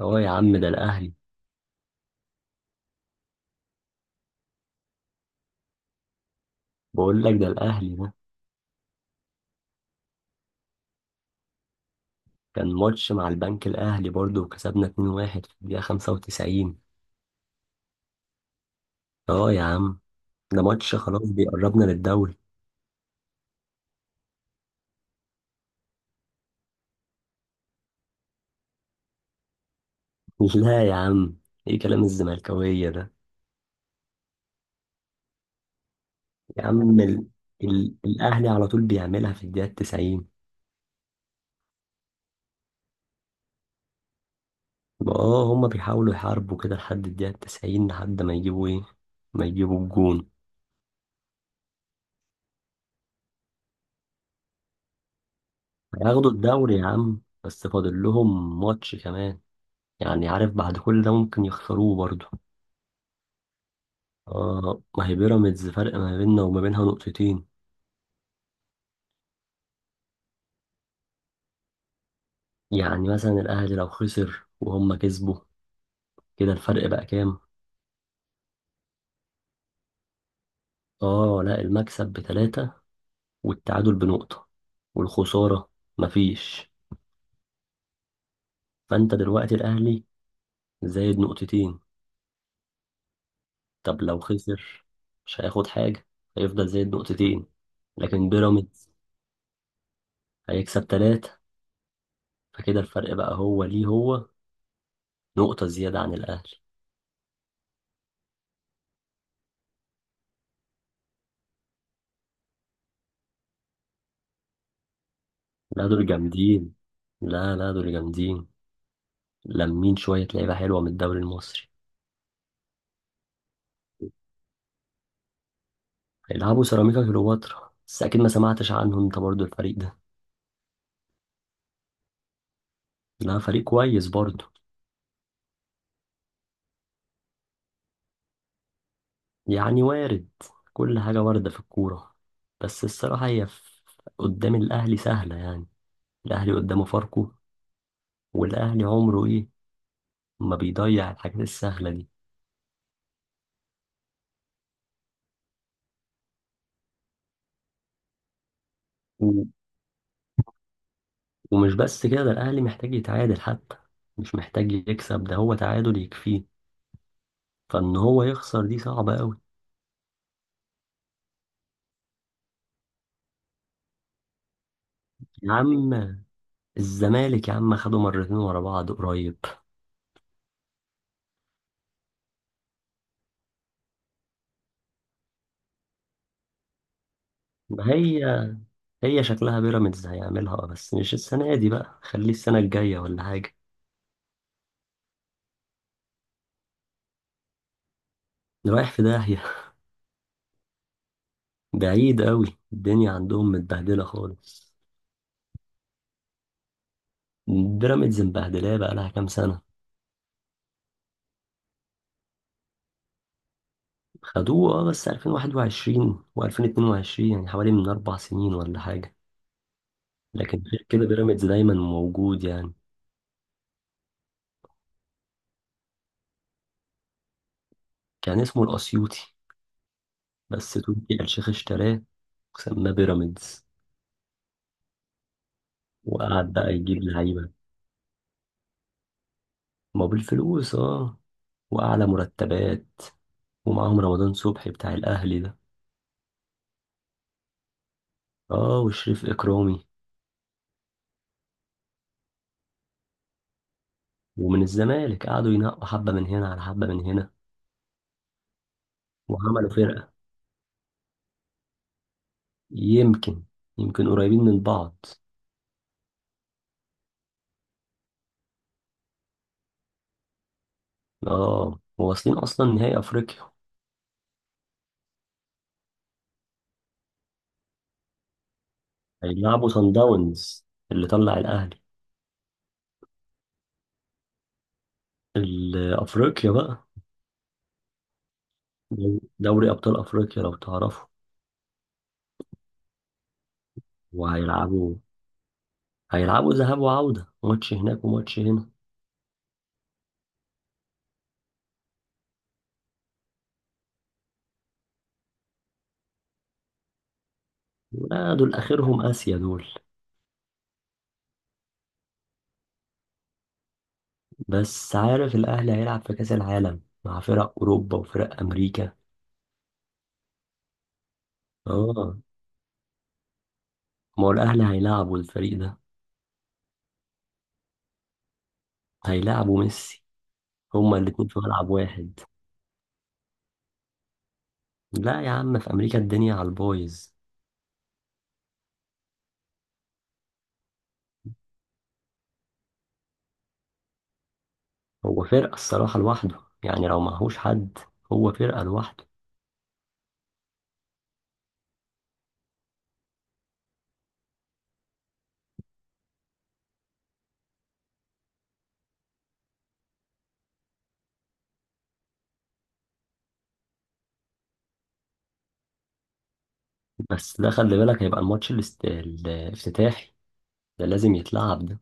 اه، يا عم ده الاهلي. بقول لك ده الاهلي ده. كان ماتش مع البنك الاهلي برضه، وكسبنا 2-1 في الدقيقه 95. اه، يا عم ده ماتش خلاص بيقربنا للدوري. لا يا عم، ايه كلام الزملكاويه ده؟ يا عم الاهلي على طول بيعملها في الدقيقه 90. اه، هما بيحاولوا يحاربوا كده لحد الدقيقه 90 لحد ما يجيبوا ايه، ما يجيبوا الجون. هياخدوا الدوري يا عم، بس فاضل لهم ماتش كمان. يعني عارف بعد كل ده ممكن يخسروه برضه. اه، ما هي بيراميدز فرق ما بيننا وما بينها نقطتين. يعني مثلا الاهلي لو خسر وهم كسبوا، كده الفرق بقى كام؟ اه لا، المكسب بتلاتة، والتعادل بنقطة، والخسارة مفيش. فانت دلوقتي الاهلي زايد نقطتين. طب لو خسر مش هياخد حاجة، هيفضل زايد نقطتين. لكن بيراميدز هيكسب تلاتة، فكده الفرق بقى هو ليه هو نقطة زيادة عن الاهلي. لا دول جامدين، لا لا دول جامدين، لمين شوية لعيبة حلوة من الدوري المصري. هيلعبوا سيراميكا كليوباترا، بس أكيد ما سمعتش عنه أنت برضو الفريق ده. لا، فريق كويس برضو. يعني وارد، كل حاجة واردة في الكورة. بس الصراحة هي قدام الأهلي سهلة يعني. الأهلي قدامه فاركو، والأهلي عمره إيه ما بيضيع الحاجات السهلة دي. و- ومش بس كده، ده الأهلي محتاج يتعادل حتى، مش محتاج يكسب، ده هو تعادل يكفيه. فإن هو يخسر دي صعبة أوي. يا عم الزمالك يا عم خدوا مرتين ورا بعض قريب. ما هي شكلها بيراميدز هيعملها، بس مش السنة دي بقى، خليه السنة الجاية ولا حاجة. رايح في داهية. بعيد قوي، الدنيا عندهم متبهدلة خالص. بيراميدز مبهدلاه بقى لها كام سنة. خدوه، اه، بس 2021 و2022، يعني حوالي من 4 سنين ولا حاجة. لكن غير كده بيراميدز دايما موجود يعني. كان اسمه الأسيوطي، بس تركي آل الشيخ اشتراه وسماه بيراميدز. وقعد بقى يجيب لعيبة. ما بالفلوس، اه. واعلى مرتبات. ومعاهم رمضان صبحي بتاع الاهلي ده. اه، وشريف اكرامي. ومن الزمالك قعدوا ينقوا حبه من هنا على حبه من هنا. وعملوا فرقه. يمكن يمكن قريبين من بعض. اه، وواصلين اصلا نهائي افريقيا. هيلعبوا سان داونز اللي طلع الاهلي. افريقيا بقى. دوري ابطال افريقيا لو تعرفوا. وهيلعبوا ذهاب وعوده، ماتش هناك وماتش هنا. لا، دول اخرهم اسيا دول. بس عارف الأهلي هيلعب في كأس العالم مع فرق أوروبا وفرق أمريكا. آه. ما هو الأهلي هيلعبوا الفريق ده. هيلعبوا ميسي. هما الاتنين في ملعب واحد. لا يا عم، في أمريكا الدنيا على البايظ. هو فرقة الصراحة لوحده يعني لو معهوش حد. هو فرقة لوحده. بس ده خلي بالك هيبقى الماتش الافتتاحي ده، لازم يتلعب ده.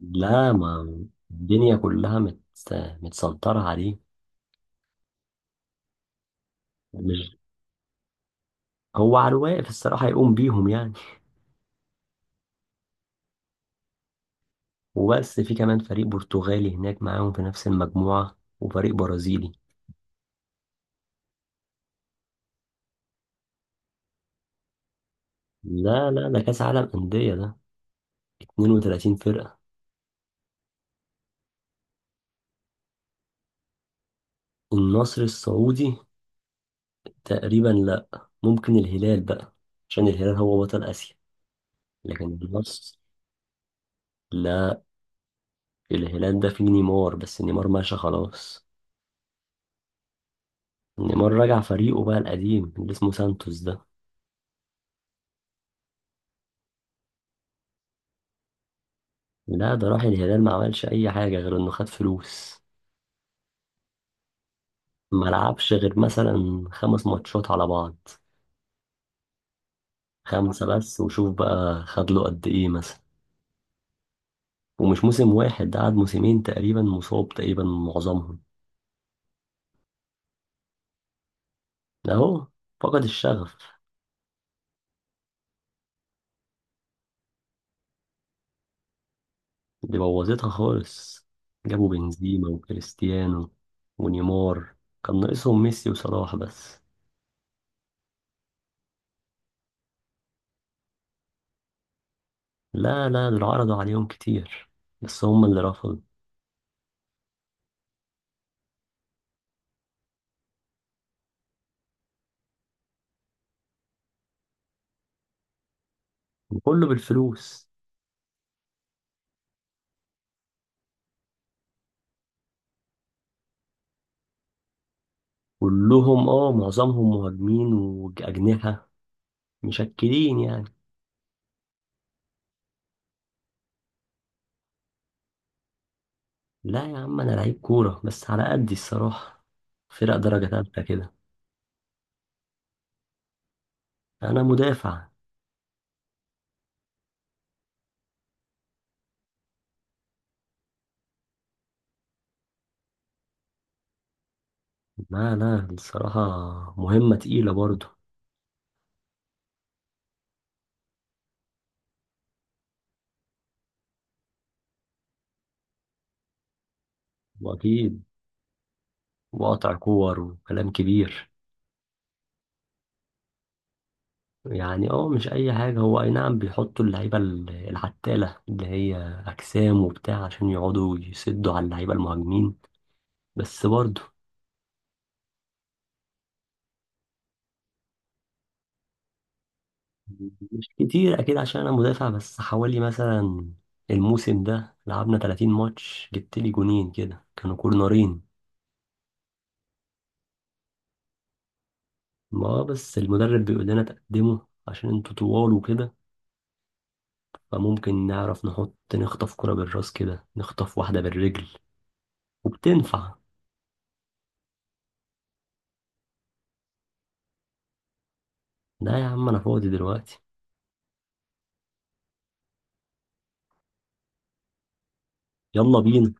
لا، ما الدنيا كلها متسنطرة عليه. مش. هو على الواقف الصراحة هيقوم بيهم يعني. وبس في كمان فريق برتغالي هناك معاهم في نفس المجموعة وفريق برازيلي. لا لا، ده كأس عالم أندية ده، 32 فرقة. النصر السعودي تقريبا لا. ممكن الهلال بقى، عشان الهلال هو بطل آسيا. لكن النصر لا. الهلال ده فيه نيمار، بس نيمار ماشي خلاص. نيمار رجع فريقه بقى القديم اللي اسمه سانتوس ده. لا، ده راح الهلال ما عملش أي حاجة غير إنه خد فلوس. ما لعبش غير مثلا 5 ماتشات على بعض. خمسة بس، وشوف بقى خد له قد إيه مثلا. ومش موسم واحد، ده قعد موسمين تقريبا، مصاب تقريبا معظمهم. أهو، فقد الشغف. دي بوظتها خالص. جابوا بنزيما وكريستيانو ونيمار. كان ناقصهم ميسي وصلاح بس. لا لا، دول عرضوا عليهم كتير، بس هم اللي رفضوا. وكله بالفلوس. كلهم، معظمهم مهاجمين وأجنحة، مشكلين يعني. لا يا عم، انا لعيب كورة بس على قدي الصراحة. فرق درجة تالتة كده. انا مدافع. لا لا، الصراحة مهمة تقيلة برضو. واكيد. وقطع كور وكلام كبير. يعني، مش اي حاجة. هو اي نعم، بيحطوا اللعيبة العتالة اللي هي اجسام وبتاع، عشان يقعدوا يسدوا على اللعيبة المهاجمين، بس برضو. مش كتير اكيد عشان انا مدافع، بس حوالي مثلا الموسم ده لعبنا 30 ماتش جبت لي جونين كده كانوا كورنرين. ما بس المدرب بيقول لنا تقدموا عشان انتوا طوال وكده، فممكن نعرف نحط نخطف كرة بالراس كده، نخطف واحدة بالرجل وبتنفع. لا يا عم، انا فاضي دلوقتي. يلا بينا.